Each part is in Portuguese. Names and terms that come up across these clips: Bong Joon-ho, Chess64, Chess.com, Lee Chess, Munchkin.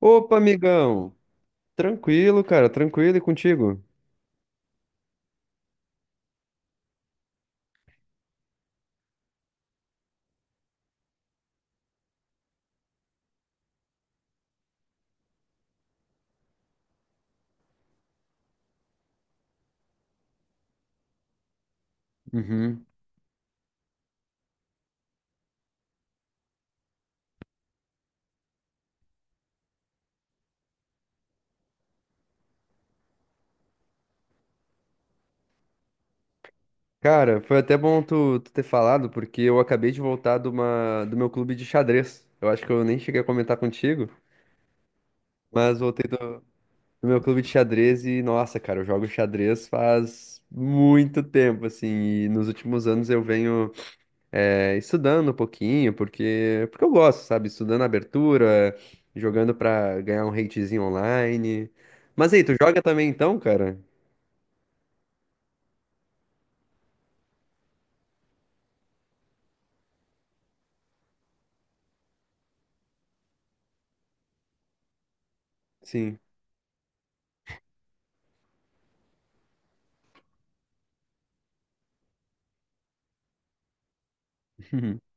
Opa, amigão! Tranquilo, cara, tranquilo e contigo? Uhum. Cara, foi até bom tu ter falado, porque eu acabei de voltar de uma, do meu clube de xadrez. Eu acho que eu nem cheguei a comentar contigo, mas voltei do, do meu clube de xadrez e, nossa, cara, eu jogo xadrez faz muito tempo, assim, e nos últimos anos eu venho estudando um pouquinho, porque eu gosto, sabe? Estudando abertura, jogando pra ganhar um ratezinho online. Mas aí, tu joga também então, cara? Sim.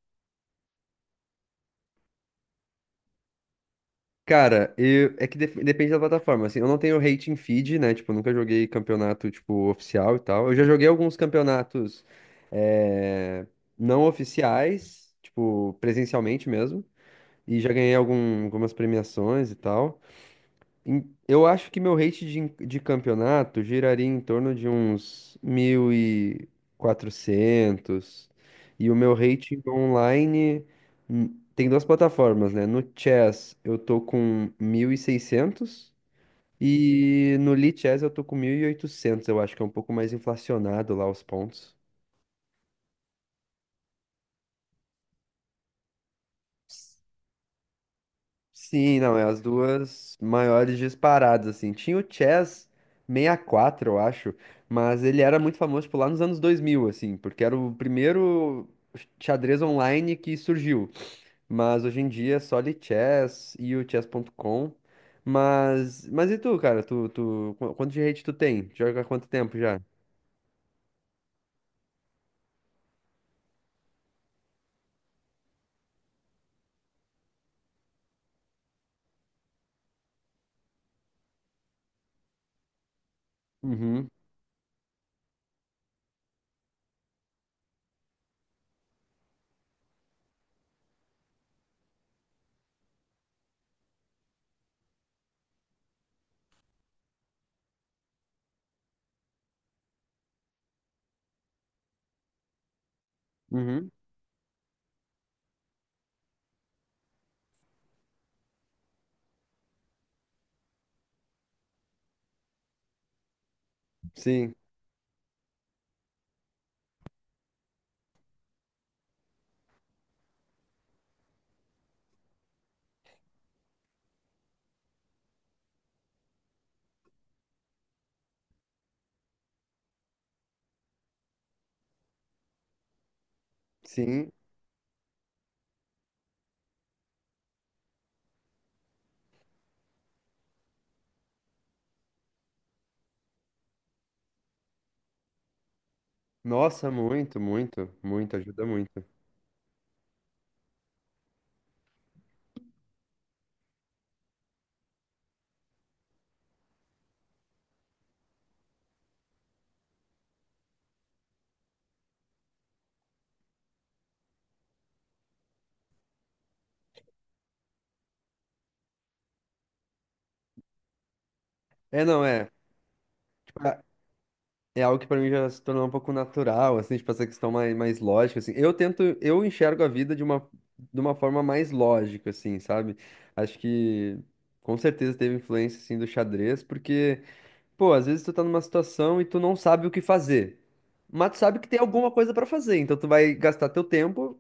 Cara, eu, é que depende da plataforma. Assim, eu não tenho rating feed, né? Tipo, eu nunca joguei campeonato, tipo, oficial e tal. Eu já joguei alguns campeonatos eh, não oficiais, tipo, presencialmente mesmo. E já ganhei algum, algumas premiações e tal. Eu acho que meu rate de campeonato giraria em torno de uns 1.400 e o meu rate online hum, tem duas plataformas, né? No Chess eu tô com 1.600 e no Lee Chess eu tô com 1.800. Eu acho que é um pouco mais inflacionado lá os pontos. Sim, não, é as duas maiores disparadas, assim. Tinha o Chess 64 eu acho, mas ele era muito famoso, tipo, lá nos anos 2000 assim, porque era o primeiro xadrez online que surgiu. Mas hoje em dia é só ali Chess e o Chess.com. Mas e tu, cara? Tu, tu, quanto de rate tu tem? Joga há quanto tempo já? Uhum, uhum. Sim, sim. Nossa, muito, muito, muito, ajuda muito. É, não, é. É algo que pra mim já se tornou um pouco natural, assim, tipo, essa questão mais, mais lógica, assim. Eu tento, eu enxergo a vida de uma forma mais lógica, assim, sabe? Acho que com certeza teve influência, assim, do xadrez, porque, pô, às vezes tu tá numa situação e tu não sabe o que fazer. Mas tu sabe que tem alguma coisa pra fazer, então tu vai gastar teu tempo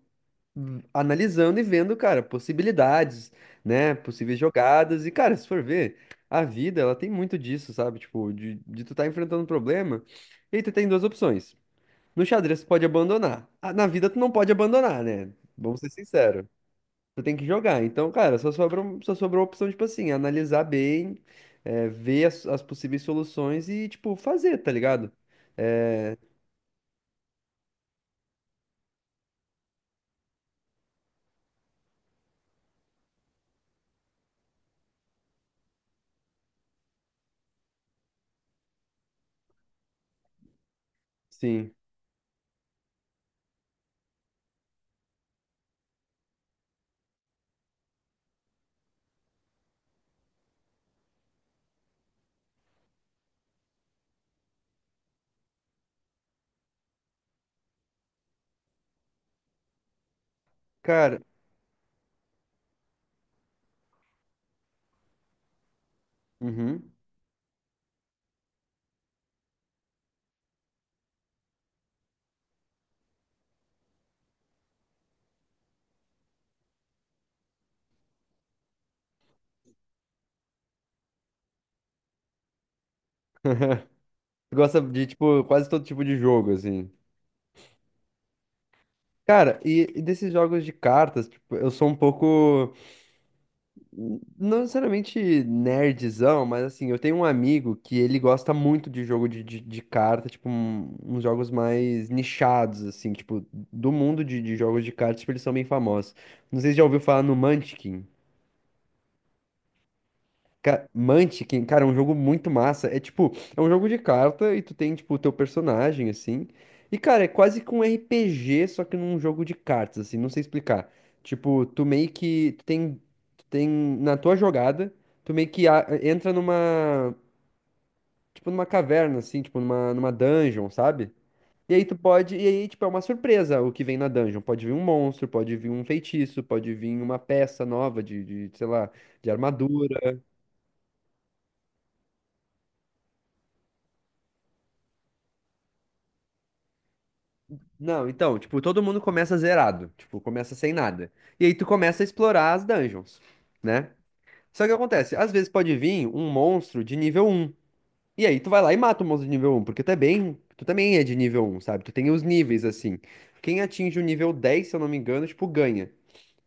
analisando e vendo, cara, possibilidades, né? Possíveis jogadas. E, cara, se for ver, a vida, ela tem muito disso, sabe? Tipo, de tu tá enfrentando um problema e tu tem duas opções. No xadrez, tu pode abandonar. Ah, na vida, tu não pode abandonar, né? Vamos ser sinceros. Tu tem que jogar. Então, cara, só sobrou a opção, tipo assim, analisar bem, ver as possíveis soluções e, tipo, fazer, tá ligado? Sim. Cara, uhum. Tu gosta de, tipo, quase todo tipo de jogo, assim. Cara, e desses jogos de cartas, tipo, eu sou um pouco, não necessariamente nerdzão, mas assim, eu tenho um amigo que ele gosta muito de jogo de, de carta, tipo, uns jogos mais nichados, assim, tipo, do mundo de jogos de cartas, tipo, eles são bem famosos. Não sei se já ouviu falar no Munchkin. Munchkin, cara, é um jogo muito massa. É tipo, é um jogo de carta e tu tem, tipo, o teu personagem, assim. E, cara, é quase que um RPG, só que num jogo de cartas, assim, não sei explicar. Tipo, tu meio que. Tu tem. Tu tem. Na tua jogada, tu meio que entra numa. Tipo, numa caverna, assim, tipo, numa, numa dungeon, sabe? E aí tu pode. E aí, tipo, é uma surpresa o que vem na dungeon. Pode vir um monstro, pode vir um feitiço, pode vir uma peça nova de sei lá, de armadura. Não, então, tipo, todo mundo começa zerado, tipo, começa sem nada. E aí tu começa a explorar as dungeons, né? Só que acontece, às vezes pode vir um monstro de nível um. E aí tu vai lá e mata o monstro de nível um, porque tu é bem, tu também é de nível um, sabe? Tu tem os níveis assim. Quem atinge o nível 10, se eu não me engano, tipo, ganha.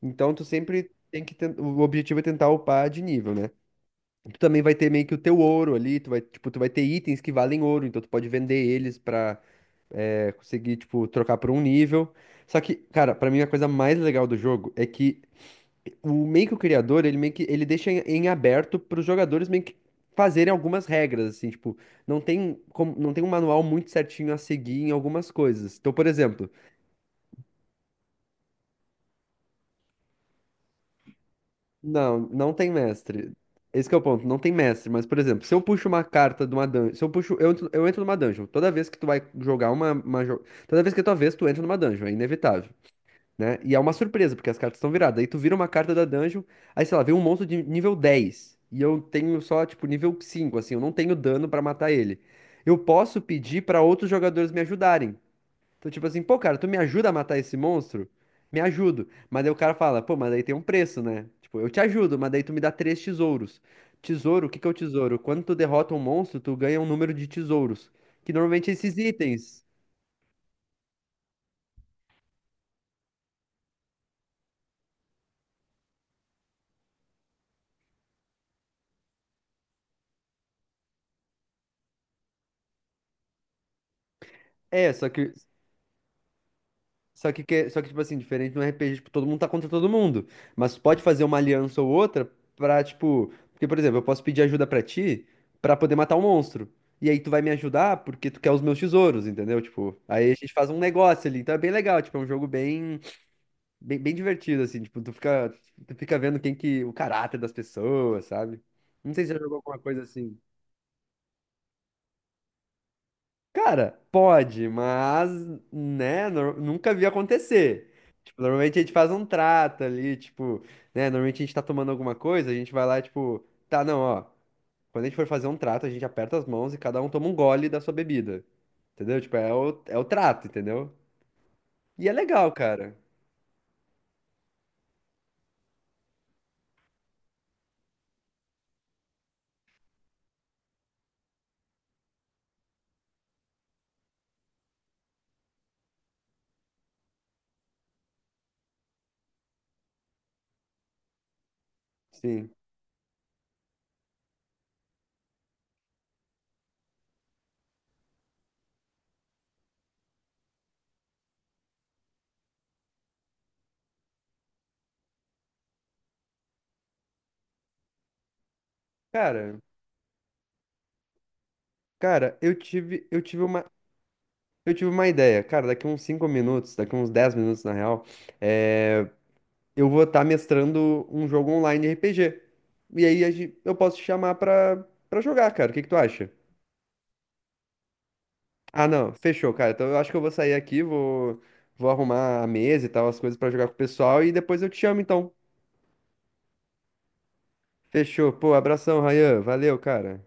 Então tu sempre tem que o objetivo é tentar upar de nível, né? Tu também vai ter meio que o teu ouro ali, tu vai, tipo, tu vai ter itens que valem ouro, então tu pode vender eles pra consegui, tipo, trocar por um nível. Só que, cara, pra mim a coisa mais legal do jogo é que o meio que o criador, ele meio que ele deixa em aberto pros jogadores meio que fazerem algumas regras, assim, tipo, não tem como, não tem um manual muito certinho a seguir em algumas coisas. Então, por exemplo, não, não tem mestre. Esse que é o ponto, não tem mestre, mas, por exemplo, se eu puxo uma carta de uma dungeon, se eu puxo, eu entro numa dungeon, toda vez que tu vai jogar toda vez que é tua vez, tu entra numa dungeon, é inevitável. Né? E é uma surpresa, porque as cartas estão viradas. Aí tu vira uma carta da dungeon, aí sei lá, vem um monstro de nível 10 e eu tenho só, tipo, nível 5 assim, eu não tenho dano pra matar ele. Eu posso pedir pra outros jogadores me ajudarem. Então, tipo assim, pô, cara, tu me ajuda a matar esse monstro? Me ajudo. Mas daí o cara fala, pô, mas daí tem um preço, né? Tipo, eu te ajudo, mas daí tu me dá três tesouros. Tesouro, o que que é o tesouro? Quando tu derrota um monstro, tu ganha um número de tesouros. Que normalmente é esses itens. É, só que. Só que, só que, tipo assim, diferente no RPG, tipo, todo mundo tá contra todo mundo. Mas tu pode fazer uma aliança ou outra pra, tipo. Porque, por exemplo, eu posso pedir ajuda pra ti pra poder matar um monstro. E aí tu vai me ajudar porque tu quer os meus tesouros, entendeu? Tipo, aí a gente faz um negócio ali. Então é bem legal, tipo, é um jogo bem, bem, bem divertido, assim. Tipo, tu fica vendo quem que. O caráter das pessoas, sabe? Não sei se você já jogou alguma coisa assim. Cara, pode, mas, né, nunca vi acontecer. Tipo, normalmente a gente faz um trato ali, tipo, né, normalmente a gente tá tomando alguma coisa, a gente vai lá, tipo, tá, não, ó, quando a gente for fazer um trato, a gente aperta as mãos e cada um toma um gole da sua bebida, entendeu? Tipo, é o, é o trato, entendeu? E é legal, cara. Sim. Cara, cara, eu tive uma ideia, cara, daqui uns 5 minutos, daqui uns 10 minutos, na real, é... eu vou estar mestrando um jogo online RPG. E aí a eu posso te chamar pra, pra jogar, cara. O que que tu acha? Ah, não. Fechou, cara. Então eu acho que eu vou sair aqui, vou, vou arrumar a mesa e tal, as coisas pra jogar com o pessoal e depois eu te chamo, então. Fechou. Pô, abração, Rayan. Valeu, cara.